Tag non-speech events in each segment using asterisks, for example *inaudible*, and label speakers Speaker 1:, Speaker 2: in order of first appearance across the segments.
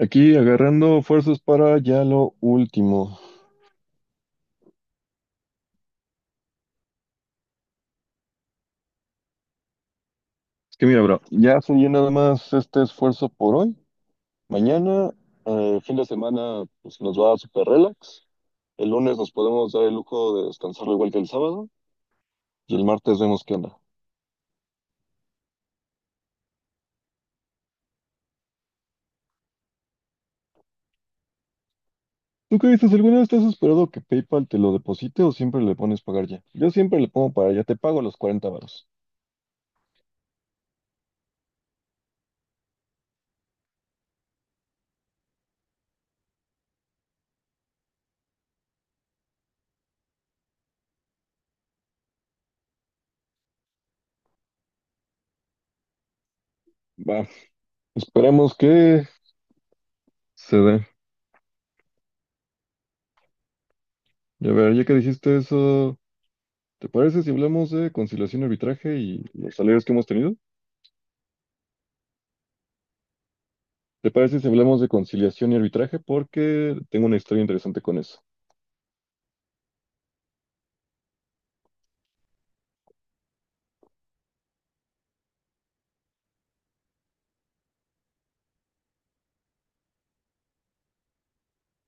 Speaker 1: Aquí agarrando fuerzas para ya lo último. Es que mira, bro, ya fluye nada más este esfuerzo por hoy. Mañana, fin de semana, pues nos va súper relax. El lunes nos podemos dar el lujo de descansar igual que el sábado. Y el martes vemos qué onda. ¿Tú qué dices? ¿Alguna vez te has esperado que PayPal te lo deposite o siempre le pones pagar ya? Yo siempre le pongo para ya, te pago los 40 varos. Va, esperemos que se dé. Y a ver, ya que dijiste eso, ¿te parece si hablamos de conciliación y arbitraje y los salarios que hemos tenido? ¿Te parece si hablamos de conciliación y arbitraje? Porque tengo una historia interesante con eso.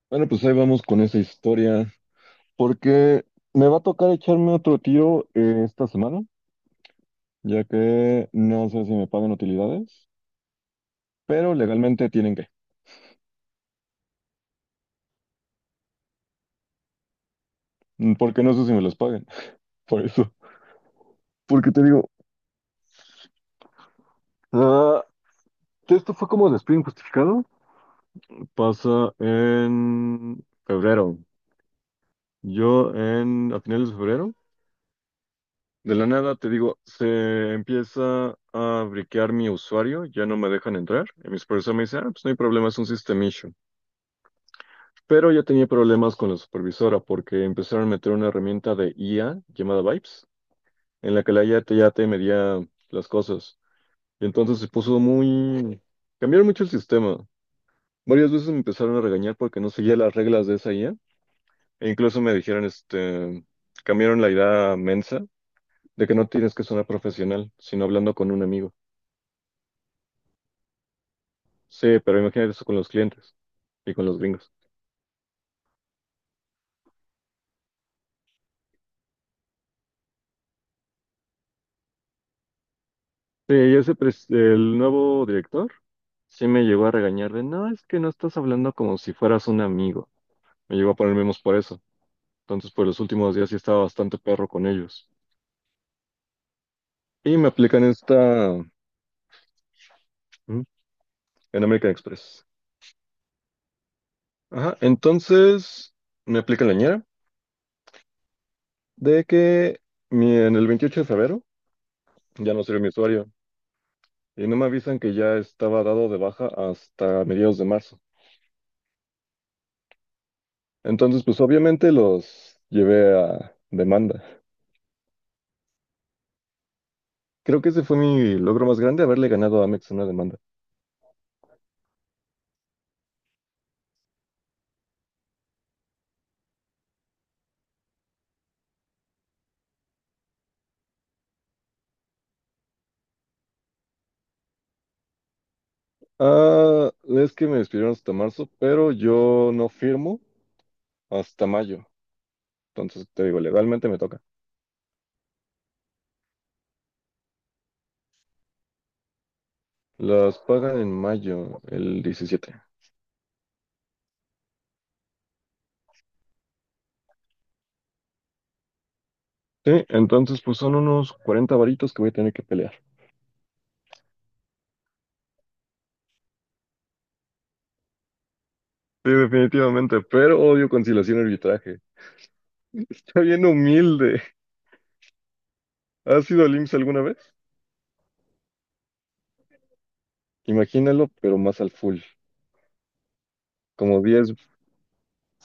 Speaker 1: Bueno, pues ahí vamos con esa historia, porque me va a tocar echarme otro tiro esta semana, ya que no sé si me pagan utilidades, pero legalmente tienen que, porque no sé si me los paguen, *laughs* por eso. Porque te digo, ah, esto fue como despido injustificado, pasa en febrero. A finales de febrero de la nada, te digo, se empieza a briquear mi usuario, ya no me dejan entrar. Y mi supervisor me dice, pues no hay problema, es un system issue. Pero yo tenía problemas con la supervisora porque empezaron a meter una herramienta de IA llamada Vibes, en la que la IA te, ya te medía las cosas. Y entonces se puso muy. Cambiaron mucho el sistema. Varias veces me empezaron a regañar porque no seguía las reglas de esa IA. E incluso me dijeron, cambiaron la idea mensa de que no tienes que sonar profesional, sino hablando con un amigo. Sí, pero imagínate eso con los clientes y con los gringos. Sí, y el nuevo director sí me llegó a regañar de, no, es que no estás hablando como si fueras un amigo. Me llegó a poner menos por eso. Entonces, por los últimos días sí estaba bastante perro con ellos. Y me aplican esta. ¿Mm? En American Express. Ajá, entonces me aplican la ñera de que en el 28 de febrero ya no sirve mi usuario. Y no me avisan que ya estaba dado de baja hasta mediados de marzo. Entonces, pues obviamente los llevé a demanda. Creo que ese fue mi logro más grande, haberle ganado a Amex en una demanda. Ah, es que me despidieron hasta marzo, pero yo no firmo hasta mayo. Entonces, te digo, legalmente me toca. Las pagan en mayo, el 17. Sí, entonces pues son unos 40 varitos que voy a tener que pelear. Sí, definitivamente, pero odio conciliación y arbitraje. *laughs* Está bien humilde. ¿Has ido al IMSS alguna vez? Imagínalo, pero más al full. Como 10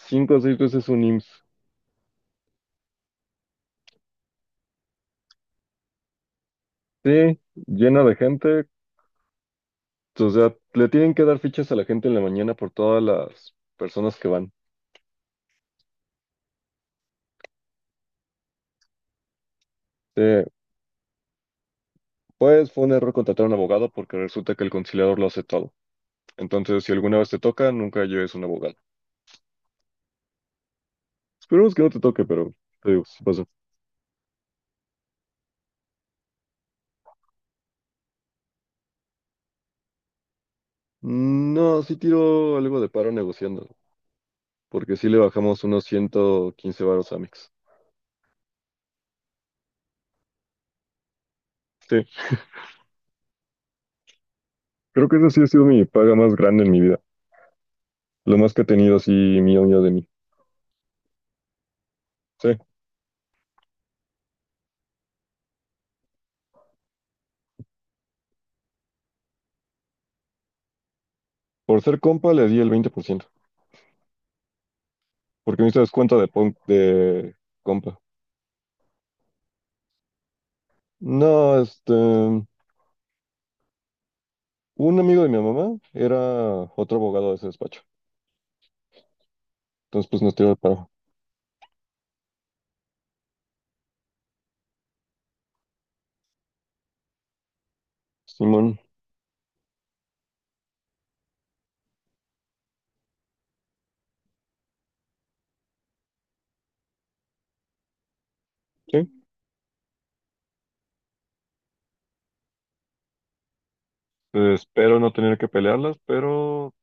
Speaker 1: cinco o seis veces un IMSS. Sí, llena de gente. O sea, le tienen que dar fichas a la gente en la mañana por todas las personas que van. Sí, pues fue un error contratar a un abogado porque resulta que el conciliador lo hace todo. Entonces, si alguna vez te toca, nunca lleves un abogado. Esperemos que no te toque, pero te digo, si pasa. Mm, no, sí tiro algo de paro negociando, porque sí le bajamos unos 115 varos a Mix. Sí, creo que esa sí ha sido mi paga más grande en mi vida. Lo más que he tenido así mío, mío de mí. Sí. Por ser compa le di el 20%, porque me hizo descuento de, de compa. No, un amigo de mi mamá era otro abogado de ese despacho. Entonces, pues nos tiró el paro. Simón, sí. Espero no tener que pelearlas, pero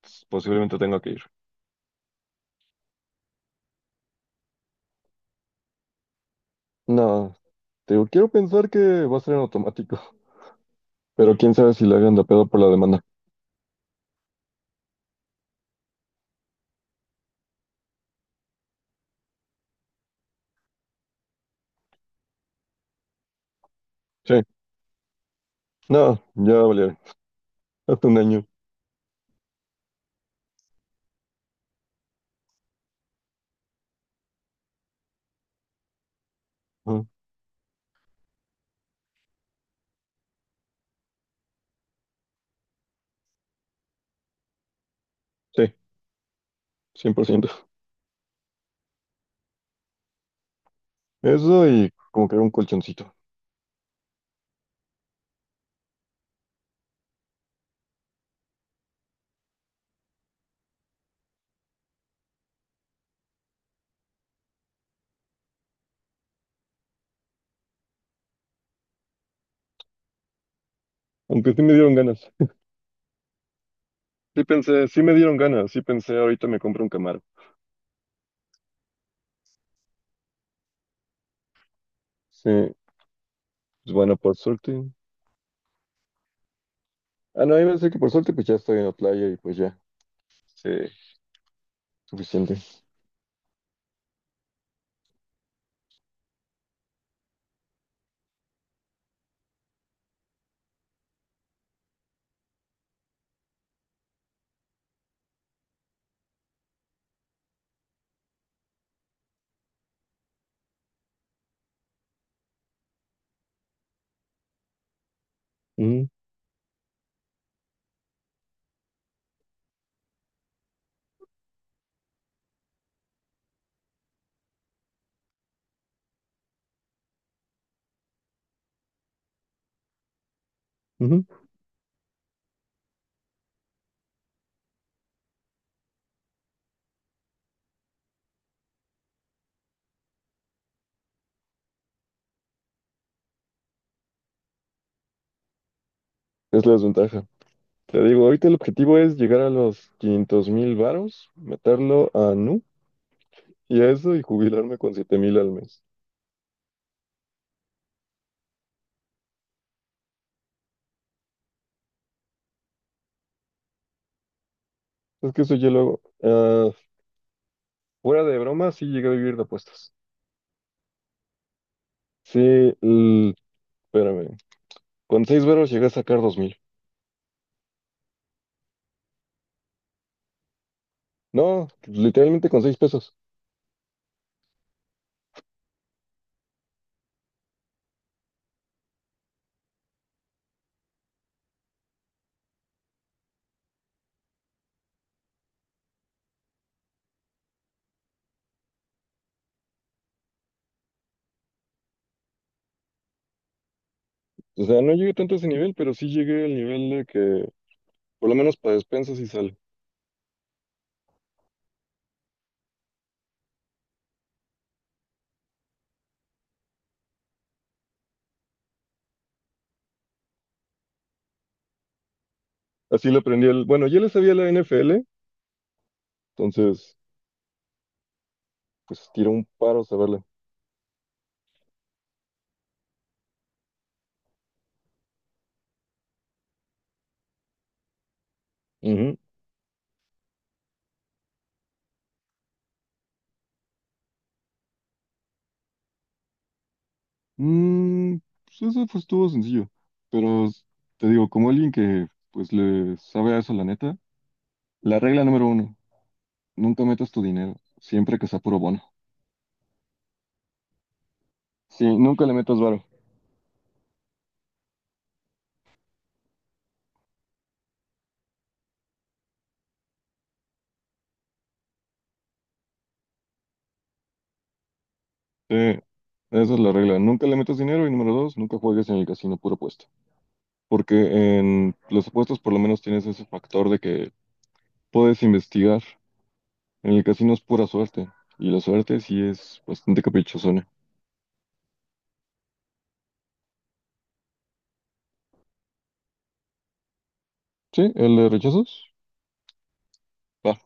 Speaker 1: pues, posiblemente tenga que ir. No, te digo, quiero pensar que va a ser en automático, pero quién sabe si le hagan de pedo por la demanda. Sí, no, ya valieron. Hasta un año. Ajá, sí, 100%. Eso y como que un colchoncito. Aunque sí me dieron ganas. Sí pensé, sí me dieron ganas, sí pensé, ahorita me compro un Camaro. Sí, pues bueno, por suerte. Ah, no, yo pensé que por suerte pues ya estoy en la playa y pues ya, sí, suficiente. Ujú, ujú. Es la desventaja. Te digo, ahorita el objetivo es llegar a los 500,000 varos, meterlo a Nu y a eso y jubilarme con 7,000 al mes. Es que eso yo lo hago. Fuera de broma, sí llegué a vivir de apuestas. Sí, l- espérame, con 6 varos llegué a sacar 2,000. No, literalmente con 6 pesos. O sea, no llegué tanto a ese nivel, pero sí llegué al nivel de que, por lo menos para despensas sí sale. Así le aprendí el. Bueno, ya le sabía la NFL, entonces, pues tiré un paro a saberla. Ujú. Mm, pues eso fue estuvo sencillo. Pero te digo, como alguien que pues le sabe a eso, la neta, la regla número uno, nunca metas tu dinero, siempre que sea puro bono. Sí, nunca le metas varo. Sí, esa es la regla. Nunca le metas dinero y número dos, nunca juegues en el casino puro puesto. Porque en los apuestas por lo menos tienes ese factor de que puedes investigar. En el casino es pura suerte, y la suerte sí es bastante caprichosona. Sí, el de rechazos, va.